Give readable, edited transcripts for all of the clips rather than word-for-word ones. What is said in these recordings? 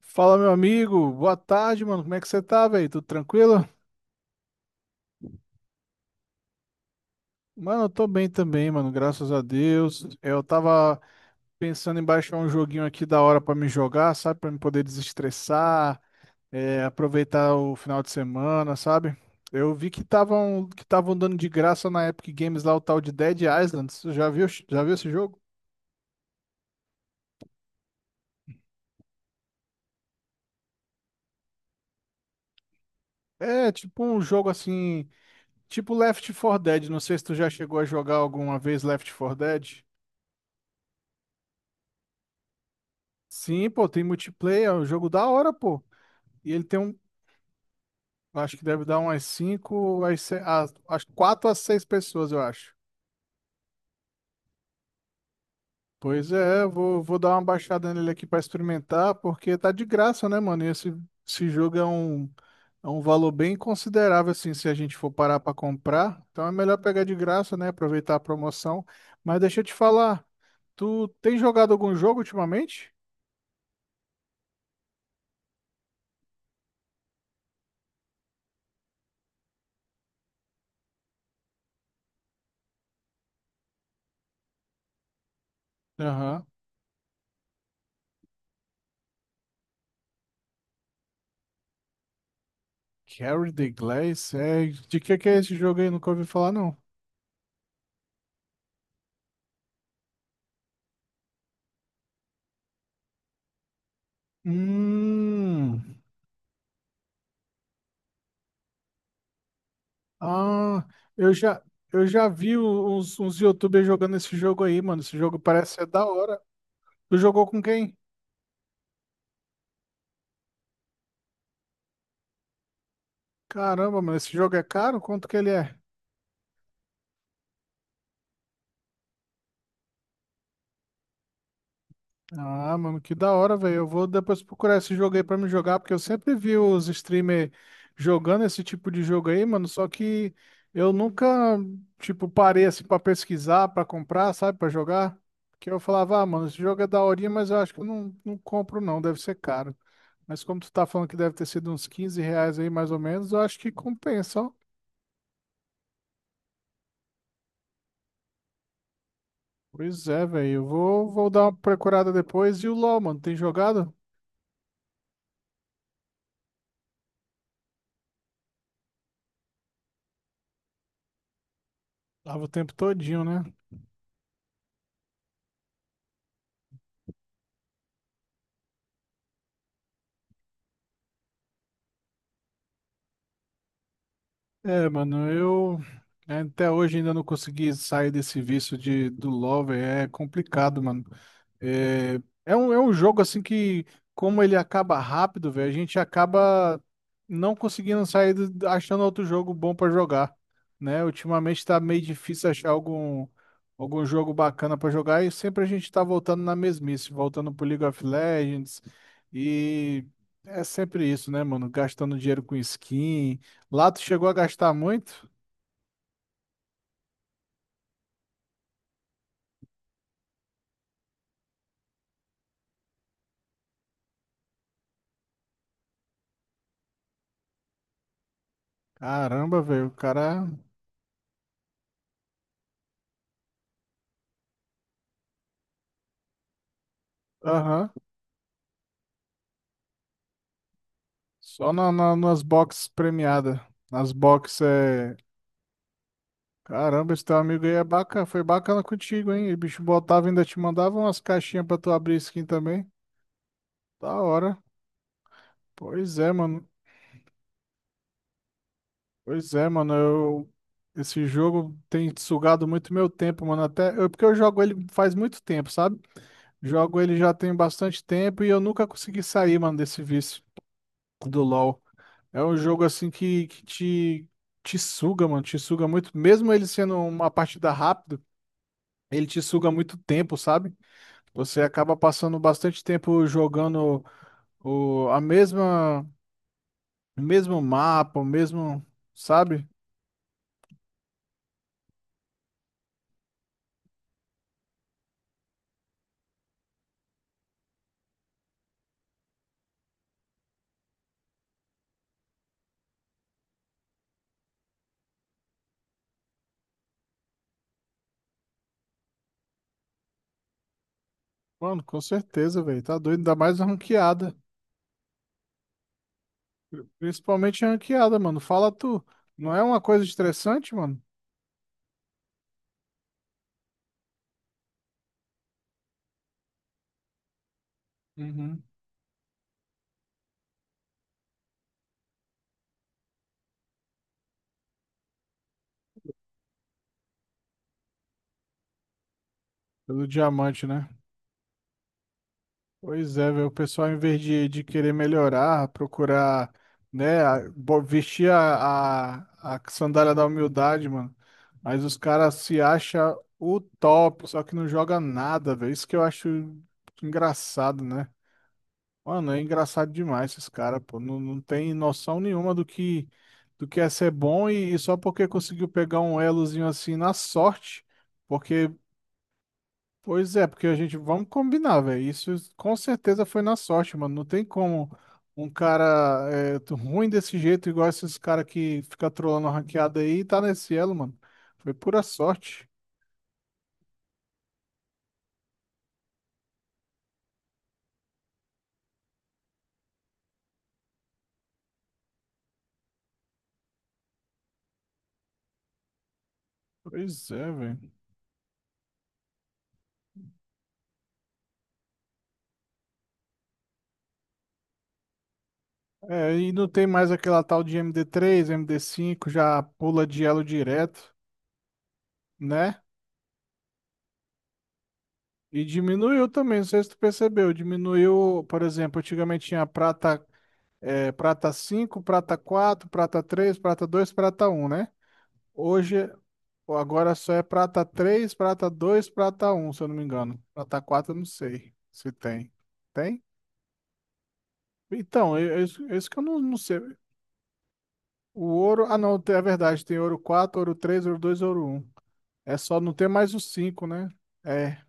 Fala, meu amigo. Boa tarde, mano. Como é que você tá, velho? Tudo tranquilo? Mano, eu tô bem também, mano. Graças a Deus. É, eu tava pensando em baixar um joguinho aqui da hora pra me jogar, sabe? Pra me poder desestressar, é, aproveitar o final de semana, sabe? Eu vi que estavam dando de graça na Epic Games lá o tal de Dead Island. Você já viu esse jogo? É, tipo um jogo assim, tipo Left 4 Dead. Não sei se tu já chegou a jogar alguma vez Left 4 Dead. Sim, pô, tem multiplayer, é um jogo da hora, pô. E ele tem um, acho que deve dar umas 5, às se- às- às 4 a 6 pessoas, eu acho. Pois é, eu vou dar uma baixada nele aqui pra experimentar, porque tá de graça, né, mano? E esse jogo é um valor bem considerável, assim, se a gente for parar pra comprar. Então é melhor pegar de graça, né? Aproveitar a promoção. Mas deixa eu te falar, tu tem jogado algum jogo ultimamente? Aham. Carry the Glass, é. De que é esse jogo aí? Nunca ouvi falar, não. Hum, ah, eu já, eu já vi uns YouTubers jogando esse jogo aí, mano. Esse jogo parece ser da hora. Tu jogou com quem? Caramba, mano, esse jogo é caro? Quanto que ele é? Ah, mano, que da hora, velho. Eu vou depois procurar esse jogo aí pra me jogar, porque eu sempre vi os streamers jogando esse tipo de jogo aí, mano. Só que eu nunca, tipo, parei assim pra pesquisar, pra comprar, sabe, pra jogar. Porque eu falava, ah, mano, esse jogo é daorinha, mas eu acho que eu não compro, não. Deve ser caro. Mas como tu tá falando que deve ter sido uns R$ 15 aí, mais ou menos, eu acho que compensa, ó. Pois é, velho. Eu vou dar uma procurada depois. E o LoL, mano, tem jogado? Lava o tempo todinho, né? É, mano, eu, né, até hoje ainda não consegui sair desse vício do Lover, é complicado, mano. É, é um jogo assim que, como ele acaba rápido, velho, a gente acaba não conseguindo achando outro jogo bom pra jogar, né? Ultimamente tá meio difícil achar algum jogo bacana pra jogar, e sempre a gente tá voltando na mesmice, voltando pro League of Legends, e é sempre isso, né, mano? Gastando dinheiro com skin. Lá tu chegou a gastar muito? Caramba, velho, o cara. Aham. Só nas boxes premiadas. Nas boxes é. Caramba, esse teu amigo aí é bacana. Foi bacana contigo, hein? O bicho botava e ainda te mandava umas caixinhas pra tu abrir skin também. Da hora. Pois é, mano. Pois é, mano. Eu. Esse jogo tem sugado muito meu tempo, mano. Até eu, porque eu jogo ele faz muito tempo, sabe? Jogo ele já tem bastante tempo e eu nunca consegui sair, mano, desse vício do LoL. É um jogo assim que te suga, mano, te suga muito. Mesmo ele sendo uma partida rápida, ele te suga muito tempo, sabe? Você acaba passando bastante tempo jogando o, a mesma, o mesmo mapa, o mesmo, sabe? Mano, com certeza, velho. Tá doido, ainda mais ranqueada. Principalmente ranqueada, mano. Fala tu. Não é uma coisa estressante, mano? Uhum. Pelo diamante, né? Pois é, velho, o pessoal, em vez de querer melhorar, procurar, né, vestir a sandália da humildade, mano. Mas os caras se acham o top, só que não joga nada, velho. Isso que eu acho engraçado, né? Mano, é engraçado demais esses caras, pô. Não, não tem noção nenhuma do que é ser bom, e só porque conseguiu pegar um elozinho assim na sorte. Porque Pois é, porque a gente, vamos combinar, velho. Isso com certeza foi na sorte, mano. Não tem como um cara ruim desse jeito, igual esses caras que fica trolando a ranqueada aí, tá nesse elo, mano. Foi pura sorte. Pois é, velho. É, e não tem mais aquela tal de MD3, MD5 já pula de elo direto, né? E diminuiu também, não sei se tu percebeu. Diminuiu, por exemplo, antigamente tinha prata, é, prata cinco, prata quatro, prata três, prata dois, prata um, né? Hoje, agora só é prata três, prata dois, prata um, se eu não me engano. Prata 4 eu não sei se tem. Tem? Então, isso que eu não sei. O ouro. Ah, não, é verdade. Tem ouro quatro, ouro três, ouro dois, ouro um. É só não ter mais o cinco, né? É,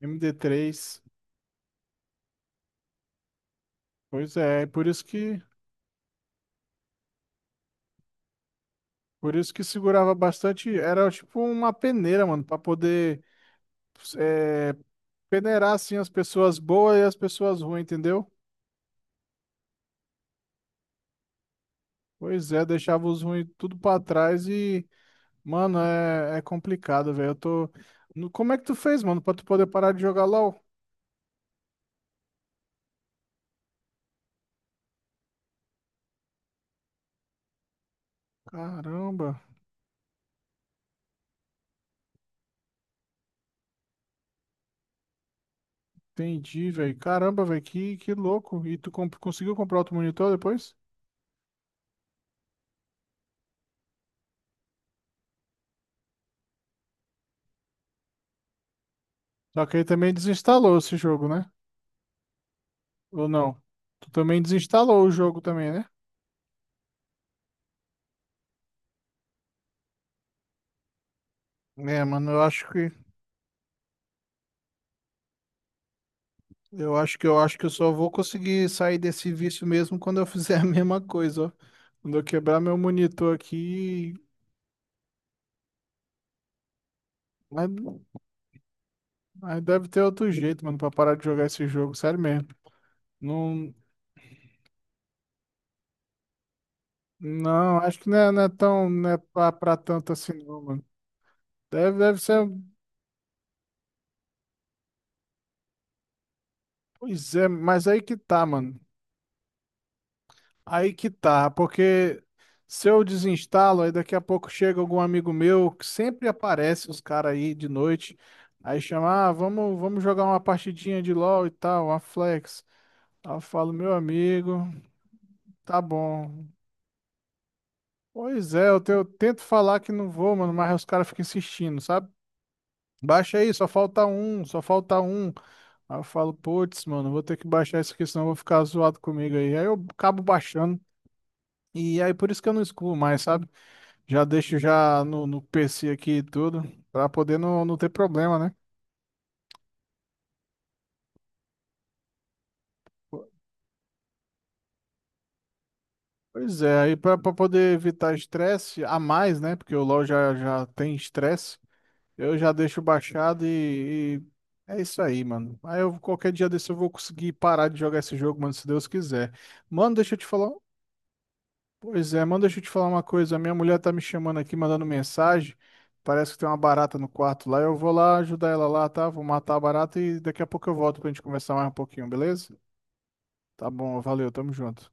MD3. Pois é, por isso que. Por isso que segurava bastante. Era tipo uma peneira, mano, pra poder, é, peneirar assim as pessoas boas e as pessoas ruins, entendeu? Pois é, deixava os ruins tudo pra trás, e mano, é complicado, velho. Eu tô. Como é que tu fez, mano, pra tu poder parar de jogar LoL? Caramba, entendi, velho. Caramba, velho, que louco. E tu conseguiu comprar outro monitor depois? Só que aí também desinstalou esse jogo, né? Ou não? Tu também desinstalou o jogo também, né? É, mano, eu acho que eu acho que eu acho que eu só vou conseguir sair desse vício mesmo quando eu fizer a mesma coisa, ó. Quando eu quebrar meu monitor aqui. Mas, mas deve ter outro jeito, mano, pra parar de jogar esse jogo. Sério mesmo. Não, não, acho que não é tão, não é pra tanto assim, não, mano. Deve ser, pois é, mas aí que tá, mano. Aí que tá, porque se eu desinstalo, aí daqui a pouco chega algum amigo meu que sempre aparece os caras aí de noite, aí chama, ah, vamos jogar uma partidinha de LoL e tal, uma flex. Aí eu falo, meu amigo, tá bom. Pois é, eu tento falar que não vou, mano, mas os caras ficam insistindo, sabe? Baixa aí, só falta um, só falta um. Aí eu falo, putz, mano, vou ter que baixar isso aqui, senão eu vou ficar zoado comigo aí. Aí eu acabo baixando. E aí por isso que eu não excluo mais, sabe? Já deixo já no PC aqui e tudo, pra poder não ter problema, né? Pois é, aí pra poder evitar estresse a mais, né? Porque o LoL já tem estresse, eu já deixo baixado e é isso aí, mano. Aí eu, qualquer dia desse eu vou conseguir parar de jogar esse jogo, mano, se Deus quiser. Mano, deixa eu te falar. Pois é, mano, deixa eu te falar uma coisa. A minha mulher tá me chamando aqui, mandando mensagem. Parece que tem uma barata no quarto lá. Eu vou lá ajudar ela lá, tá? Vou matar a barata e daqui a pouco eu volto pra gente conversar mais um pouquinho, beleza? Tá bom, valeu, tamo junto.